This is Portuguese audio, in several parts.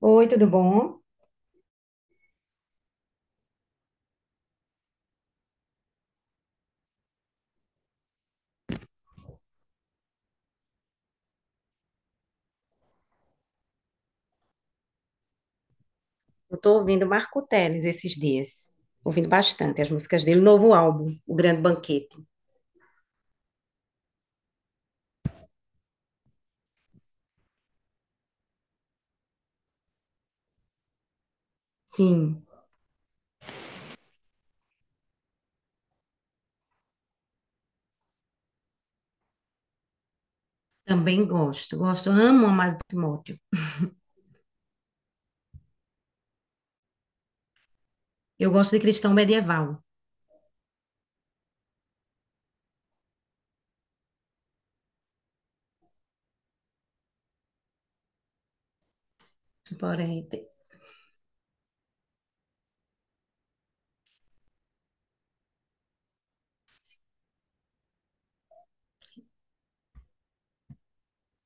Oi, tudo bom? Eu tô ouvindo Marco Teles esses dias. Ouvindo bastante as músicas dele. Novo álbum, O Grande Banquete. Sim. Também gosto. Gosto, amo Amado Timóteo. Eu gosto de Cristão Medieval. Porém,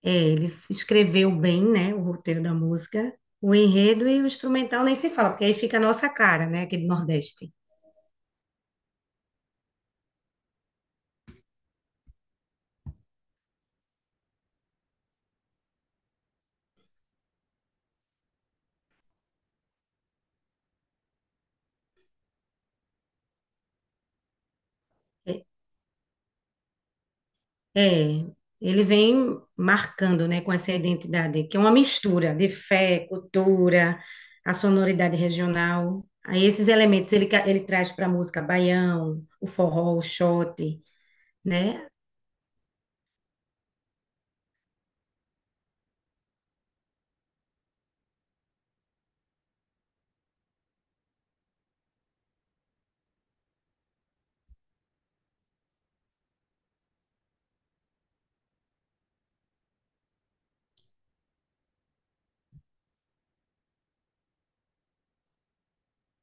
é, ele escreveu bem, né, o roteiro da música. O enredo e o instrumental nem se fala, porque aí fica a nossa cara, né, aqui do Nordeste. É, ele vem marcando, né, com essa identidade, que é uma mistura de fé, cultura, a sonoridade regional. Aí esses elementos ele, ele traz para a música baião, o forró, o xote, né?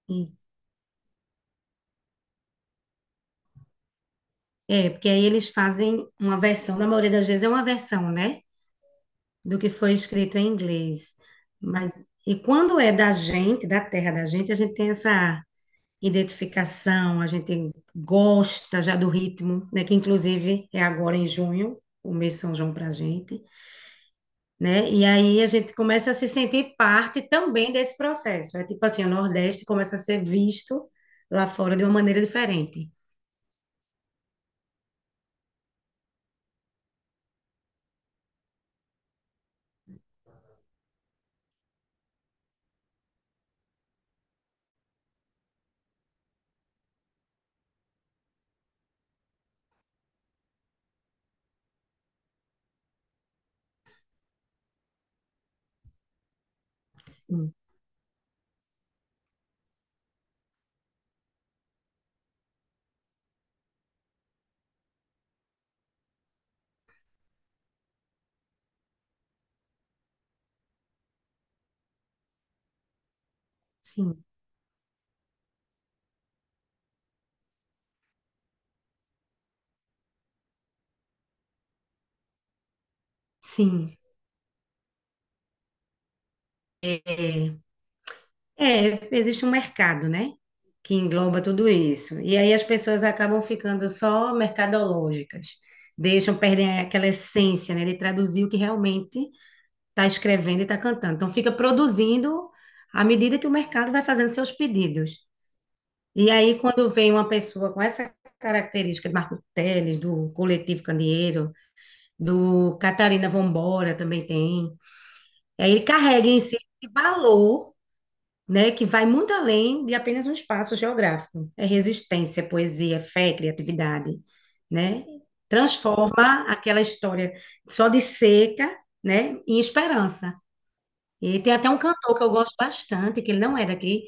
E- É, porque aí eles fazem uma versão, na maioria das vezes é uma versão, né, do que foi escrito em inglês. Mas e quando é da gente, da terra da gente, a gente tem essa identificação, a gente gosta já do ritmo, né? Que inclusive é agora em junho, o mês de São João para a gente, né? E aí a gente começa a se sentir parte também desse processo. É tipo assim, o Nordeste começa a ser visto lá fora de uma maneira diferente. Sim, sim, sim. É, é, existe um mercado, né? Que engloba tudo isso. E aí as pessoas acabam ficando só mercadológicas. Deixam, perdem aquela essência, né, de traduzir o que realmente está escrevendo e está cantando. Então, fica produzindo à medida que o mercado vai fazendo seus pedidos. E aí, quando vem uma pessoa com essa característica de Marco Teles, do Coletivo Candeeiro, do Catarina Vambora também tem, aí ele carrega em si esse valor, né, que vai muito além de apenas um espaço geográfico. É resistência, poesia, fé, criatividade, né? Transforma aquela história só de seca, né, em esperança. E tem até um cantor que eu gosto bastante, que ele não é daqui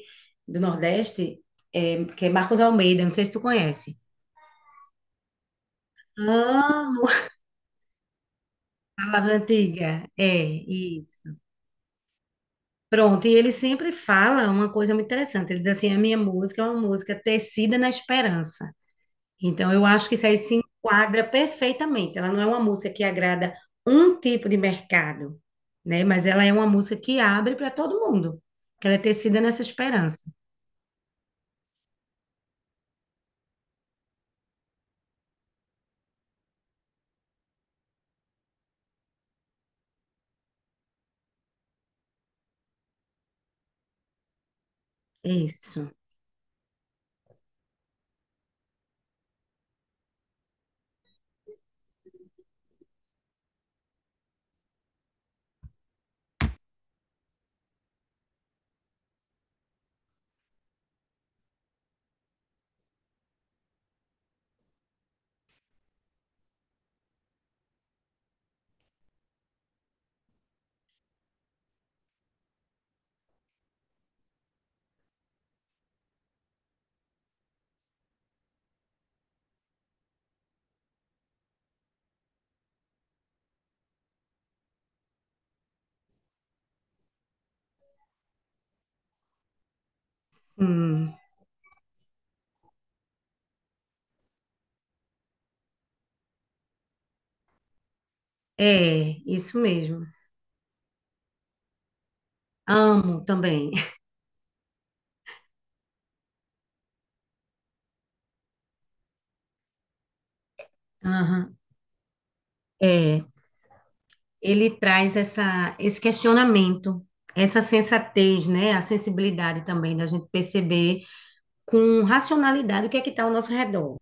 do Nordeste, é, que é Marcos Almeida, não sei se tu conhece. Amo a Palavra antiga, é, e pronto, e ele sempre fala uma coisa muito interessante, ele diz assim, a minha música é uma música tecida na esperança, então eu acho que isso aí se enquadra perfeitamente, ela não é uma música que agrada um tipo de mercado, né, mas ela é uma música que abre para todo mundo, que ela é tecida nessa esperança. É isso. Hum. É, isso mesmo. Amo também. Aham, é, ele traz essa, esse questionamento, essa sensatez, né? A sensibilidade também da gente perceber com racionalidade o que é que está ao nosso redor.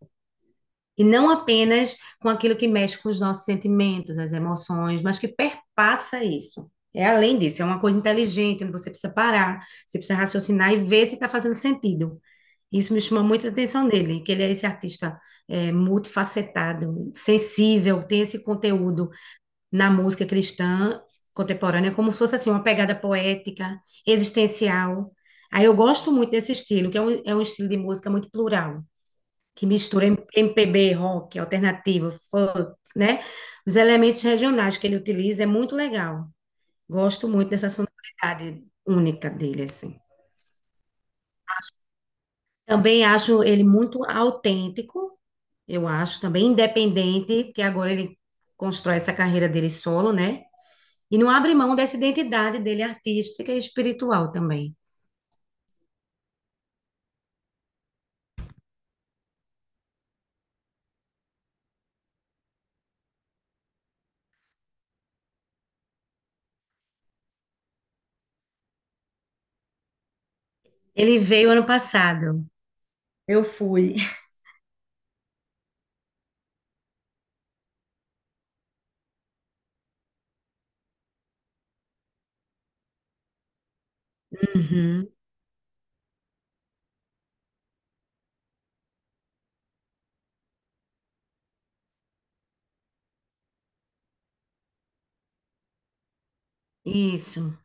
E não apenas com aquilo que mexe com os nossos sentimentos, as emoções, mas que perpassa isso. É além disso, é uma coisa inteligente, onde você precisa parar, você precisa raciocinar e ver se está fazendo sentido. Isso me chama muita atenção dele, que ele é esse artista é, multifacetado, sensível, tem esse conteúdo na música cristã contemporânea, como se fosse assim, uma pegada poética, existencial. Aí eu gosto muito desse estilo, que é um estilo de música muito plural que mistura MPB, rock, alternativo, funk, né? Os elementos regionais que ele utiliza é muito legal. Gosto muito dessa sonoridade única dele, assim. Também acho ele muito autêntico, eu acho, também independente, porque agora ele constrói essa carreira dele solo, né? E não abre mão dessa identidade dele artística e espiritual também. Ele veio ano passado. Eu fui. Uhum, isso.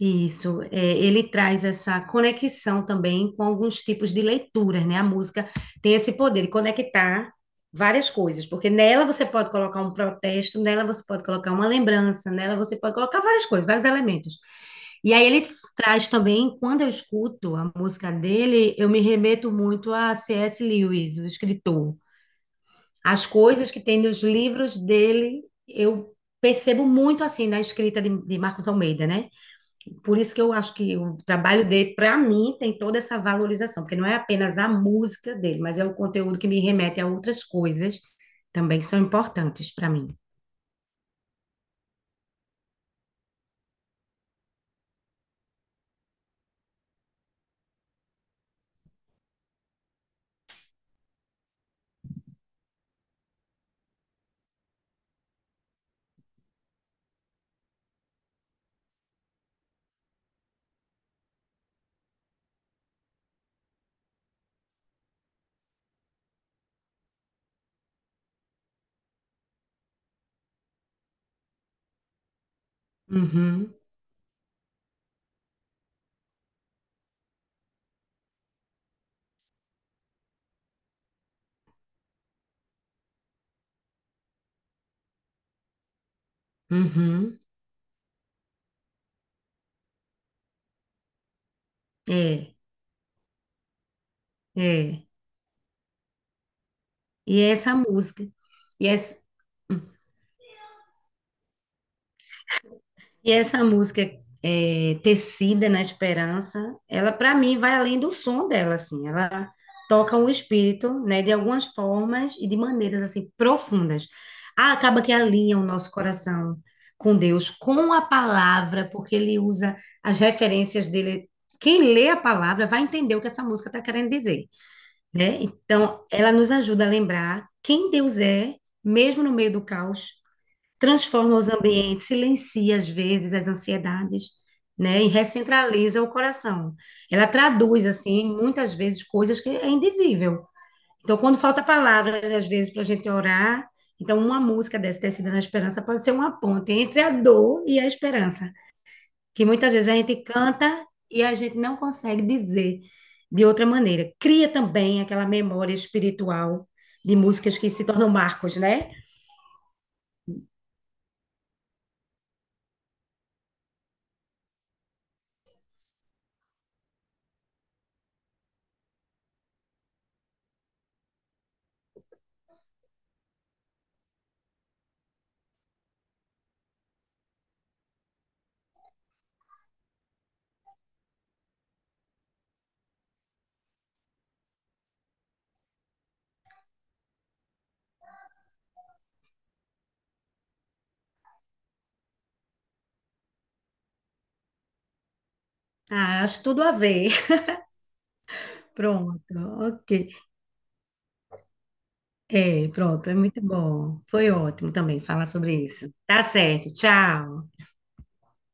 Isso, é, ele traz essa conexão também com alguns tipos de leituras, né? A música tem esse poder de conectar várias coisas, porque nela você pode colocar um protesto, nela você pode colocar uma lembrança, nela você pode colocar várias coisas, vários elementos. E aí ele traz também, quando eu escuto a música dele, eu me remeto muito a C.S. Lewis, o escritor. As coisas que tem nos livros dele, eu percebo muito assim na escrita de Marcos Almeida, né? Por isso que eu acho que o trabalho dele, para mim, tem toda essa valorização, porque não é apenas a música dele, mas é um conteúdo que me remete a outras coisas também que são importantes para mim. Uhum, uhum, é, é. E é essa música. E essa, e essa música é, Tecida na Esperança, ela para mim vai além do som dela, assim, ela toca o espírito, né, de algumas formas e de maneiras assim profundas. Ah, acaba que alinha o nosso coração com Deus, com a palavra, porque ele usa as referências dele. Quem lê a palavra vai entender o que essa música está querendo dizer, né? Então, ela nos ajuda a lembrar quem Deus é, mesmo no meio do caos, transforma os ambientes, silencia às vezes as ansiedades, né? E recentraliza o coração. Ela traduz, assim, muitas vezes coisas que é indizível. Então, quando falta palavras, às vezes, para a gente orar, então uma música dessa tecida na esperança pode ser uma ponte entre a dor e a esperança, que muitas vezes a gente canta e a gente não consegue dizer de outra maneira. Cria também aquela memória espiritual de músicas que se tornam marcos, né? Ah, acho tudo a ver. Pronto, ok. É, pronto, é muito bom. Foi ótimo também falar sobre isso. Tá certo, tchau.